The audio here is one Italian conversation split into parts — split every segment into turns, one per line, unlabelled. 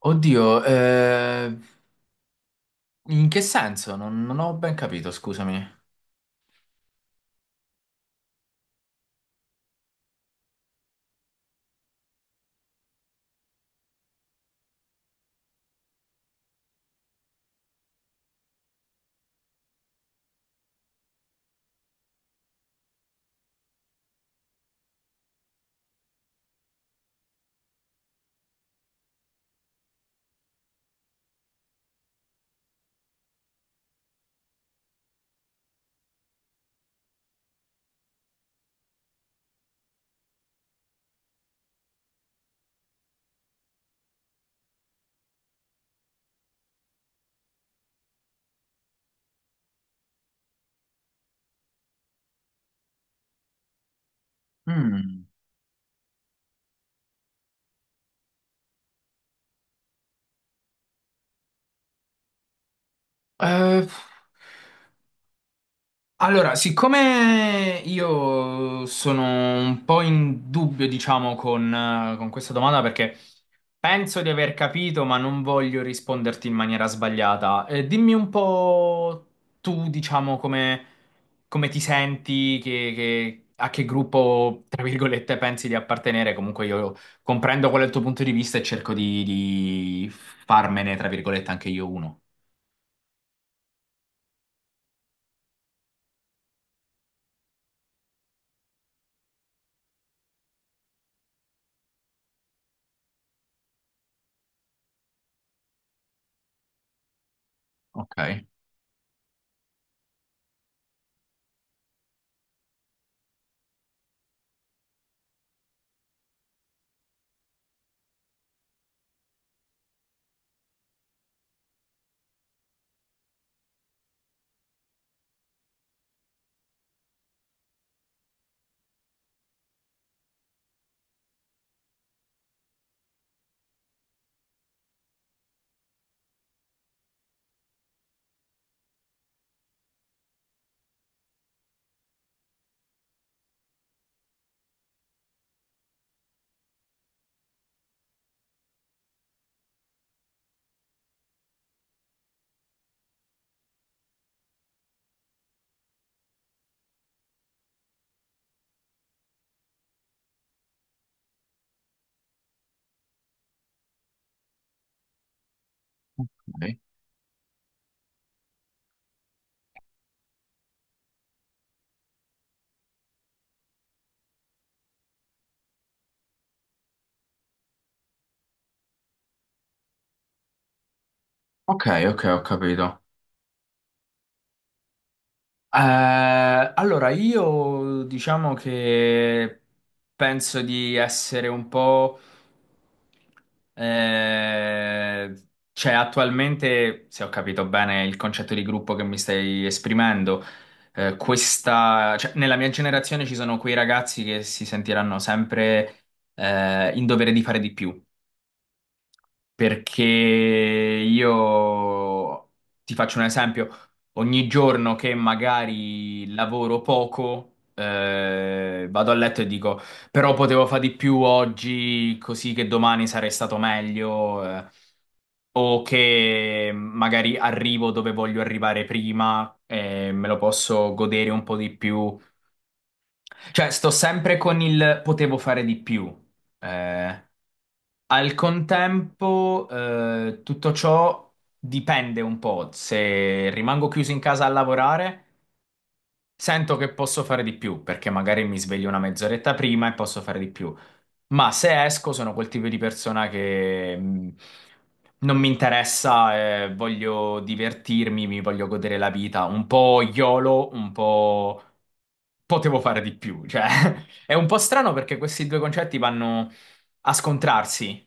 Oddio, in che senso? Non ho ben capito, scusami. Mm. Eh, Allora, siccome io sono un po' in dubbio, diciamo, con questa domanda, perché penso di aver capito, ma non voglio risponderti in maniera sbagliata, dimmi un po' tu, diciamo, come ti senti, a che gruppo, tra virgolette, pensi di appartenere. Comunque io comprendo qual è il tuo punto di vista e cerco di farmene, tra virgolette, anche io uno. Ok, ok, ok, ok, ho capito. Allora, io diciamo che penso di essere un po', eh, cioè attualmente, se ho capito bene il concetto di gruppo che mi stai esprimendo, questa, cioè, nella mia generazione ci sono quei ragazzi che si sentiranno sempre, in dovere di fare di più, perché io ti faccio un esempio. Ogni giorno che magari lavoro poco, vado a letto e dico però potevo fare di più oggi, così che domani sarei stato meglio, o che magari arrivo dove voglio arrivare prima e me lo posso godere un po' di più. Cioè, sto sempre con il potevo fare di più. Eh, Al contempo, tutto ciò dipende un po'. Se rimango chiuso in casa a lavorare, sento che posso fare di più, perché magari mi sveglio una mezz'oretta prima e posso fare di più. Ma se esco sono quel tipo di persona che non mi interessa, voglio divertirmi, mi voglio godere la vita, un po' YOLO, un po' potevo fare di più, cioè è un po' strano perché questi due concetti vanno a scontrarsi,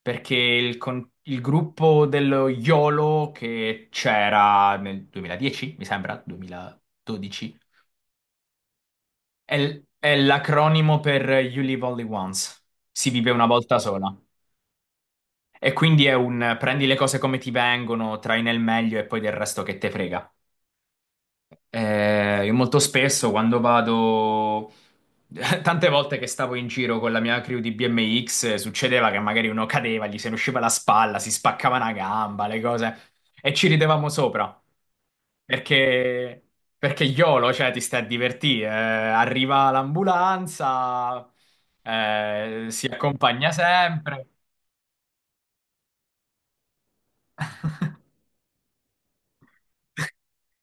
perché il gruppo dello YOLO che c'era nel 2010, mi sembra, 2012 è l'acronimo per You Live Only Once. Si vive una volta sola. E quindi è un prendi le cose come ti vengono, trai nel meglio e poi del resto che te frega. Io molto spesso quando vado, tante volte che stavo in giro con la mia crew di BMX, succedeva che magari uno cadeva, gli se ne usciva la spalla, si spaccava una gamba, le cose, e ci ridevamo sopra. Perché, perché YOLO, cioè, ti stai a divertire. Arriva l'ambulanza, si accompagna sempre.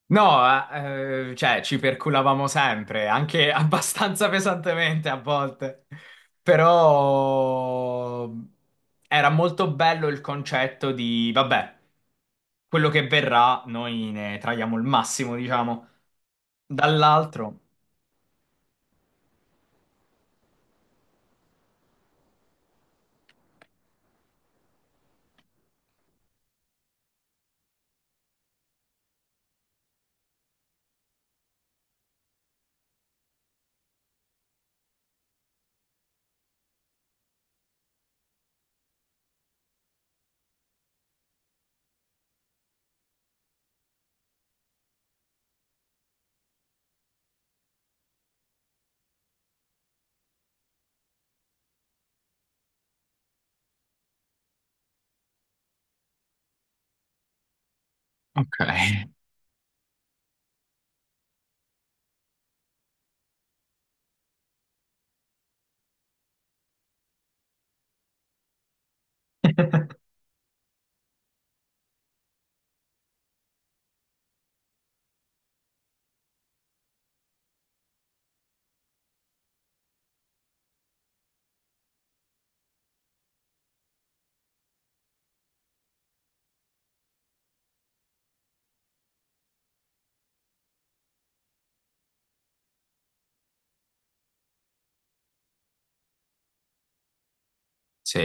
No, cioè ci perculavamo sempre, anche abbastanza pesantemente a volte, però era molto bello il concetto di, vabbè, quello che verrà, noi ne traiamo il massimo, diciamo, dall'altro. Ok. Sì,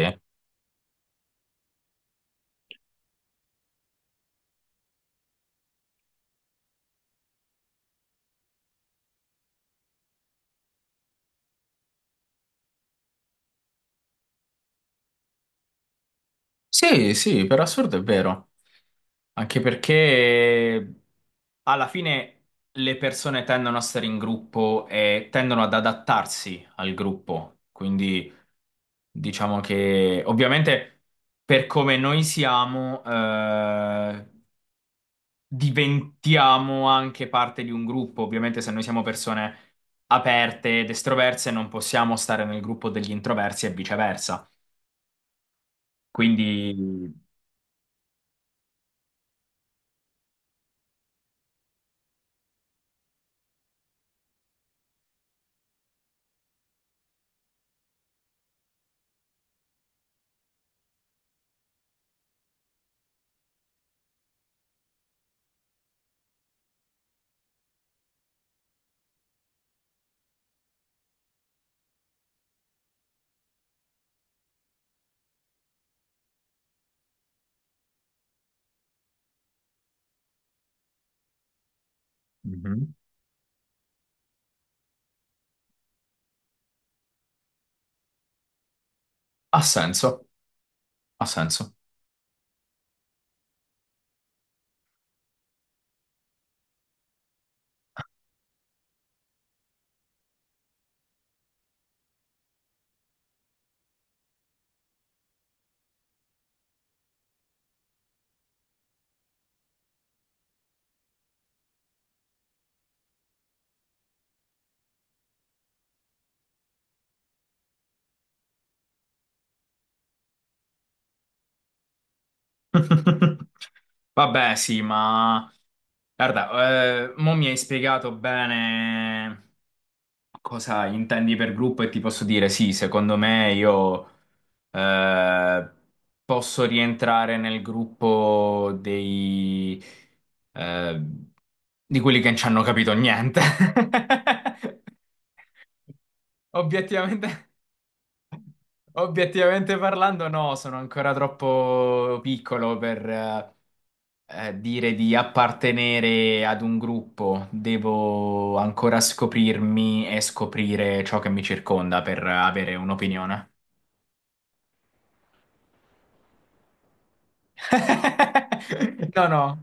sì, sì, per assurdo è vero. Anche perché alla fine le persone tendono a stare in gruppo e tendono ad adattarsi al gruppo. Quindi diciamo che ovviamente per come noi siamo, diventiamo anche parte di un gruppo. Ovviamente se noi siamo persone aperte ed estroverse non possiamo stare nel gruppo degli introversi e viceversa. Quindi. Mhm. Ha senso, ha senso. Vabbè, sì, ma. Guarda, mo mi hai spiegato bene cosa intendi per gruppo e ti posso dire sì, secondo me io eh, posso rientrare nel gruppo dei, eh, di quelli che non ci hanno capito niente. Obiettivamente, obiettivamente parlando, no, sono ancora troppo piccolo per, dire di appartenere ad un gruppo. Devo ancora scoprirmi e scoprire ciò che mi circonda per avere un'opinione. No, no.